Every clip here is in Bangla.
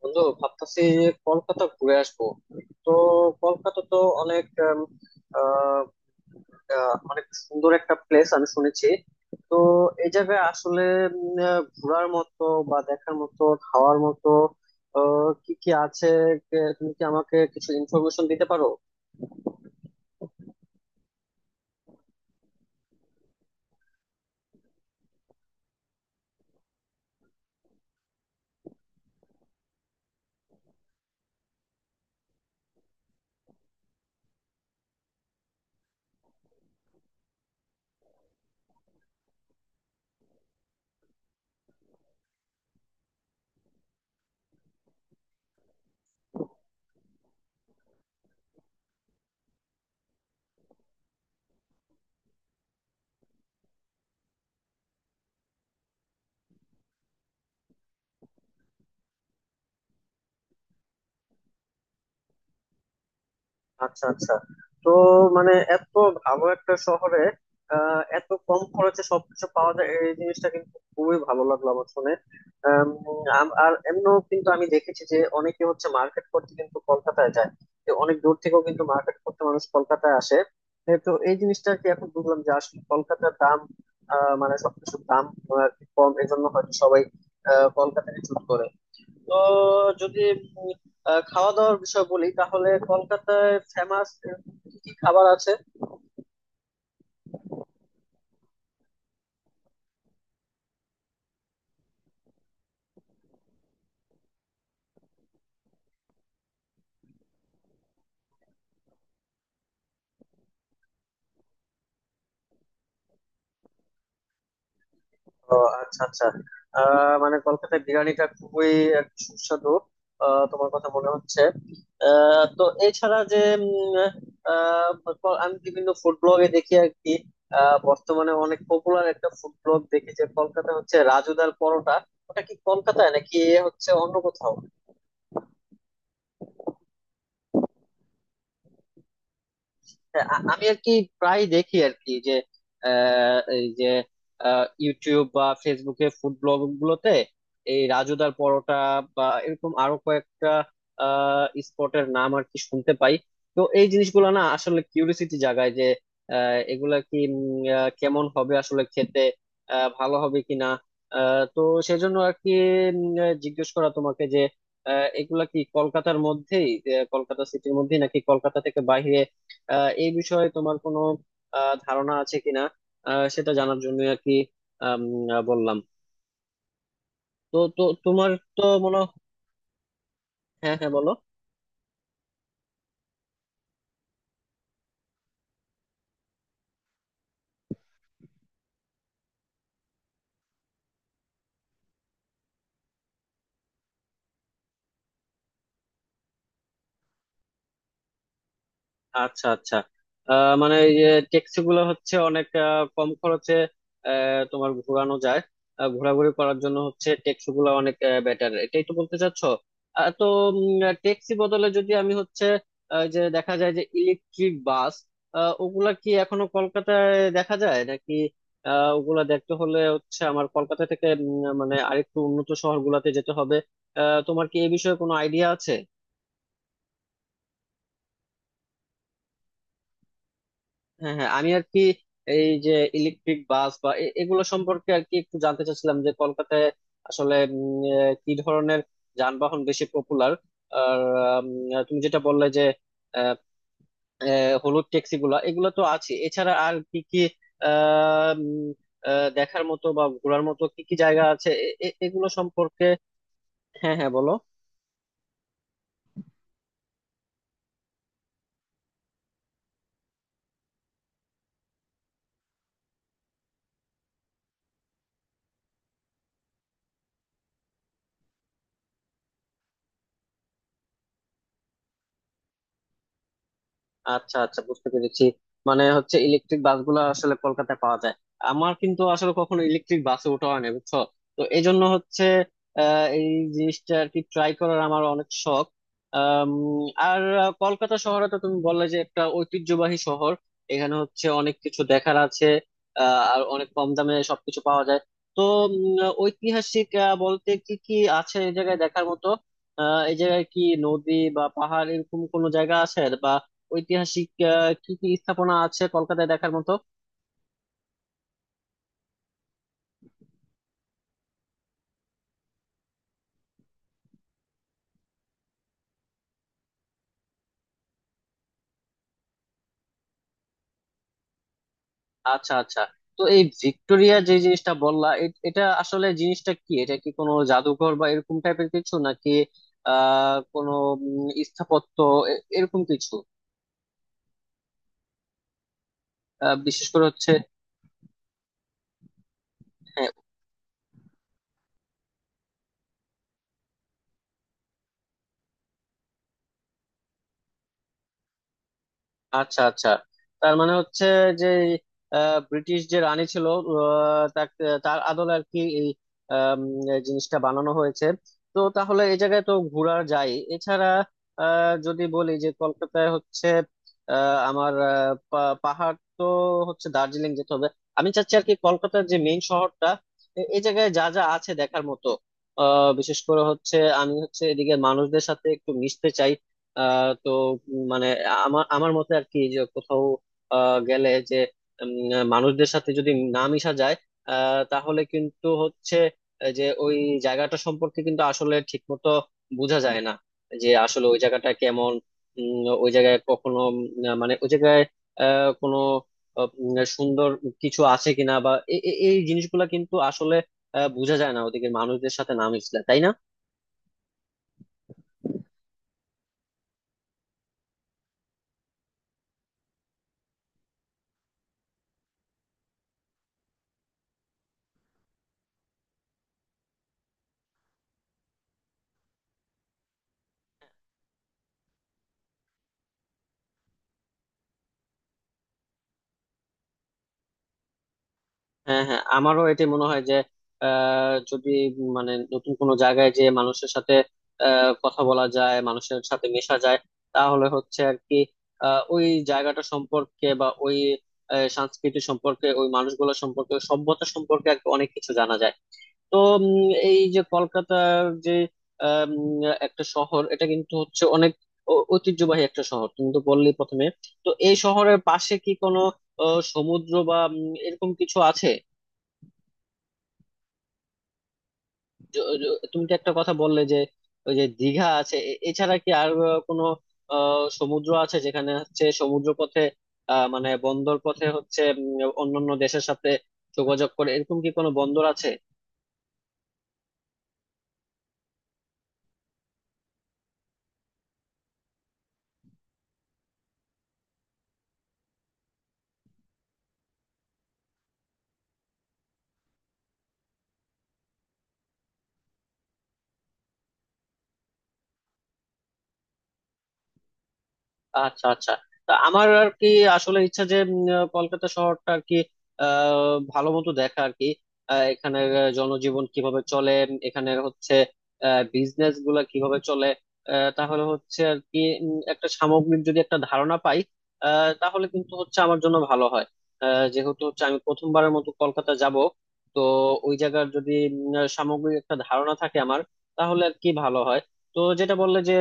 বন্ধু, ভাবতেছি যে কলকাতা ঘুরে আসবো। তো কলকাতা তো অনেক আহ, অনেক সুন্দর একটা প্লেস, আমি শুনেছি। তো এই জায়গায় আসলে ঘোরার মতো বা দেখার মতো, খাওয়ার মতো কি কি আছে? তুমি কি আমাকে কিছু ইনফরমেশন দিতে পারো? আচ্ছা, আচ্ছা। তো মানে এত ভালো একটা শহরে এত কম খরচে সবকিছু পাওয়া যায়, এই জিনিসটা কিন্তু খুবই ভালো লাগলো আমার শুনে। আম, আম- আর এমনও কিন্তু আমি দেখেছি যে অনেকে হচ্ছে মার্কেট করতে কিন্তু কলকাতায় যায়। তো অনেক দূর থেকেও কিন্তু মার্কেট করতে মানুষ কলকাতায় আসে। এ তো, এই জিনিসটা আর কি, এখন বুঝলাম যে আসলে কলকাতার দাম, মানে সবকিছুর দাম আর কি কম, এজন্য হয়তো সবাই কলকাতাকে চুজ করে। তো যদি উম আহ খাওয়া দাওয়ার বিষয় বলি, তাহলে কলকাতায় ফেমাস কি কি খাবার আছে? ও, আচ্ছা, আচ্ছা। মানে কলকাতায় বিরিয়ানিটা খুবই এক সুস্বাদু, তোমার কথা মনে হচ্ছে। তো এছাড়া যে উম, আহ, আমি বিভিন্ন ফুড ব্লগে দেখি আর কি। বর্তমানে অনেক পপুলার একটা ফুড ব্লগ দেখি যে কলকাতা হচ্ছে রাজুদার পরোটা। ওটা কি কলকাতায় নাকি এ হচ্ছে অন্য কোথাও? হ্যাঁ, আমি আর কি প্রায় দেখি আর কি, যে এই যে ইউটিউব বা ফেসবুকে ফুড ব্লগ গুলোতে এই রাজুদার পরোটা বা এরকম আরো কয়েকটা স্পটের নাম আর কি শুনতে পাই। তো এই জিনিসগুলো না আসলে কিউরিসিটি জাগায় যে এগুলা কি কেমন হবে আসলে খেতে, ভালো হবে কিনা। তো সেজন্য আর কি জিজ্ঞেস করা তোমাকে যে এগুলা কি কলকাতার মধ্যেই, কলকাতা সিটির মধ্যেই নাকি কলকাতা থেকে বাইরে, এই বিষয়ে তোমার কোনো ধারণা আছে কিনা, সেটা জানার জন্য আর কি আম, বললাম। তো তো তোমার তো মনে হ্যাঁ, হ্যাঁ, বলো। আচ্ছা, আচ্ছা। মানে এই যে ট্যাক্সি গুলো হচ্ছে অনেক কম খরচে তোমার ঘোরানো যায়, ঘোরাঘুরি করার জন্য হচ্ছে ট্যাক্সি গুলো অনেক বেটার, এটাই তো বলতে চাচ্ছ। তো ট্যাক্সি বদলে যদি আমি হচ্ছে যে দেখা যায় যে ইলেকট্রিক বাস, ওগুলা কি এখনো কলকাতায় দেখা যায় নাকি? ওগুলা দেখতে হলে হচ্ছে আমার কলকাতা থেকে মানে আরেকটু উন্নত শহরগুলোতে যেতে হবে। তোমার কি এই বিষয়ে কোনো আইডিয়া আছে? হ্যাঁ, হ্যাঁ, আমি আর কি এই যে ইলেকট্রিক বাস বা এগুলো সম্পর্কে আর কি একটু জানতে চাচ্ছিলাম যে কলকাতায় আসলে কি ধরনের যানবাহন বেশি পপুলার। আর তুমি যেটা বললে যে আহ, আহ, হলুদ ট্যাক্সি গুলা এগুলো তো আছে, এছাড়া আর কি কি আহ, উম, দেখার মতো বা ঘোরার মতো কি কি জায়গা আছে এগুলো সম্পর্কে? হ্যাঁ, হ্যাঁ, বলো। আচ্ছা, আচ্ছা, বুঝতে পেরেছি। মানে হচ্ছে ইলেকট্রিক বাসগুলো আসলে কলকাতায় পাওয়া যায়। আমার কিন্তু আসলে কখনো ইলেকট্রিক বাসে ওঠা হয় না, বুঝছো? তো এই জন্য হচ্ছে এই জিনিসটা আর কি ট্রাই করার আমার অনেক শখ। আম, আর কলকাতা শহরে তো তুমি বললে যে একটা ঐতিহ্যবাহী শহর, এখানে হচ্ছে অনেক কিছু দেখার আছে, আর অনেক কম দামে সবকিছু পাওয়া যায়। তো উম, ঐতিহাসিক বলতে কি কি আছে এই জায়গায় দেখার মতো? এই জায়গায় কি নদী বা পাহাড় এরকম কোনো জায়গা আছে, বা ঐতিহাসিক কি কি স্থাপনা আছে কলকাতায় দেখার মতো? আচ্ছা, আচ্ছা। তো এই ভিক্টোরিয়া যে জিনিসটা বললা, এটা আসলে জিনিসটা কি? এটা কি কোনো জাদুঘর বা এরকম টাইপের কিছু নাকি কোনো স্থাপত্য এরকম কিছু বিশেষ করে হচ্ছে? আচ্ছা, আচ্ছা। তার মানে হচ্ছে যে ব্রিটিশ যে রানী ছিল, তাকে তার আদলে আর কি এই আম, এই জিনিসটা বানানো হয়েছে। তো তাহলে এই জায়গায় তো ঘোরা যায়, এছাড়া যদি বলি যে কলকাতায় হচ্ছে, আমার পাহাড় তো হচ্ছে দার্জিলিং যেতে হবে। আমি চাচ্ছি আর কি কলকাতার যে মেইন শহরটা, এই জায়গায় যা যা আছে দেখার মতো বিশেষ করে হচ্ছে। আমি হচ্ছে এদিকে মানুষদের সাথে একটু মিশতে চাই। তো মানে আমার আমার মতে আর কি, যে কোথাও গেলে যে মানুষদের সাথে যদি না মিশা যায়, তাহলে কিন্তু হচ্ছে যে ওই জায়গাটা সম্পর্কে কিন্তু আসলে ঠিক মতো বোঝা যায় না, যে আসলে ওই জায়গাটা কেমন। ওই জায়গায় কখনো মানে ওই জায়গায় কোনো সুন্দর কিছু আছে কিনা, বা এই জিনিসগুলা কিন্তু আসলে বোঝা যায় না ওদিকে মানুষদের সাথে না মিশলে, তাই না? হ্যাঁ, হ্যাঁ, আমারও এটাই মনে হয় যে যদি মানে নতুন কোনো জায়গায় যে মানুষের সাথে কথা বলা যায়, মানুষের সাথে মেশা যায়, তাহলে হচ্ছে আর কি ওই জায়গাটা সম্পর্কে বা ওই সংস্কৃতি সম্পর্কে, ওই মানুষগুলো সম্পর্কে, ওই সভ্যতা সম্পর্কে আর কি অনেক কিছু জানা যায়। তো এই যে কলকাতার যে একটা শহর, এটা কিন্তু হচ্ছে অনেক ঐতিহ্যবাহী একটা শহর, তুমি তো বললি প্রথমে। তো এই শহরের পাশে কি কোনো সমুদ্র বা এরকম কিছু আছে? তুমি তো একটা কথা বললে যে ওই যে দীঘা আছে, এছাড়া কি আর কোনো সমুদ্র আছে যেখানে হচ্ছে সমুদ্র পথে, মানে বন্দর পথে হচ্ছে অন্যান্য দেশের সাথে যোগাযোগ করে, এরকম কি কোনো বন্দর আছে? আচ্ছা, আচ্ছা। তা আমার আর কি আসলে ইচ্ছা যে কলকাতা শহরটা আর কি ভালো মতো দেখা আর কি, এখানের জনজীবন কিভাবে চলে, এখানের হচ্ছে বিজনেস গুলা কিভাবে চলে, তাহলে হচ্ছে আর কি একটা সামগ্রিক যদি একটা ধারণা পাই, আহ, তাহলে কিন্তু হচ্ছে আমার জন্য ভালো হয়। যেহেতু হচ্ছে আমি প্রথমবারের মতো কলকাতা যাব, তো ওই জায়গার যদি সামগ্রিক একটা ধারণা থাকে আমার, তাহলে আর কি ভালো হয়। তো যেটা বললে যে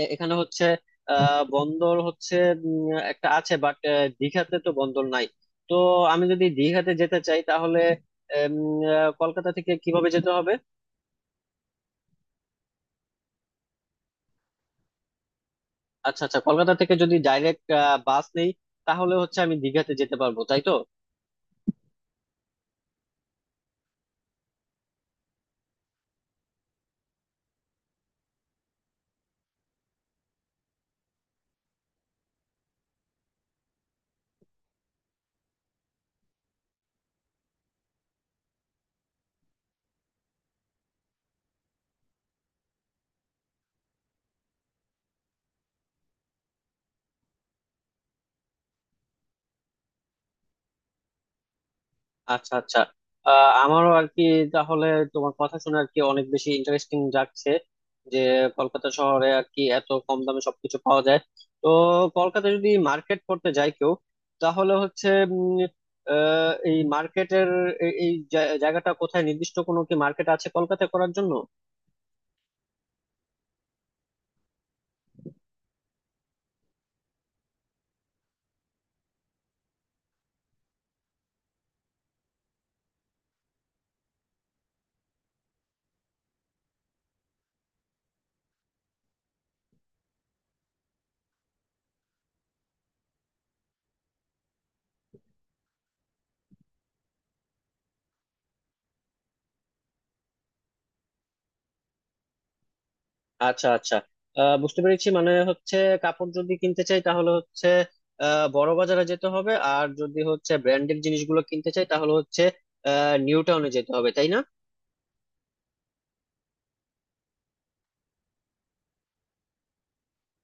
এখানে হচ্ছে বন্দর হচ্ছে উম, একটা আছে, বাট দীঘাতে তো বন্দর নাই। তো আমি যদি দীঘাতে যেতে চাই, তাহলে উম, কলকাতা থেকে কিভাবে যেতে হবে? আচ্ছা, আচ্ছা। কলকাতা থেকে যদি ডাইরেক্ট বাস নেই, তাহলে হচ্ছে আমি দীঘাতে যেতে পারবো, তাই তো? আচ্ছা, আচ্ছা। আমারও আর কি, তাহলে তোমার কথা শুনে আর কি অনেক বেশি ইন্টারেস্টিং লাগছে যে কলকাতা শহরে আর কি এত কম দামে সবকিছু পাওয়া যায়। তো কলকাতা যদি মার্কেট করতে যায় কেউ, তাহলে হচ্ছে উম, এই মার্কেটের এই এই জা- জায়গাটা কোথায়? নির্দিষ্ট কোনো কি মার্কেট আছে কলকাতা করার জন্য? আচ্ছা, আচ্ছা। বুঝতে পেরেছি। মানে হচ্ছে কাপড় যদি কিনতে চাই, তাহলে হচ্ছে বড় বাজারে যেতে হবে, আর যদি হচ্ছে ব্র্যান্ডেড জিনিসগুলো কিনতে চাই, তাহলে হচ্ছে নিউ টাউনে যেতে হবে, তাই না?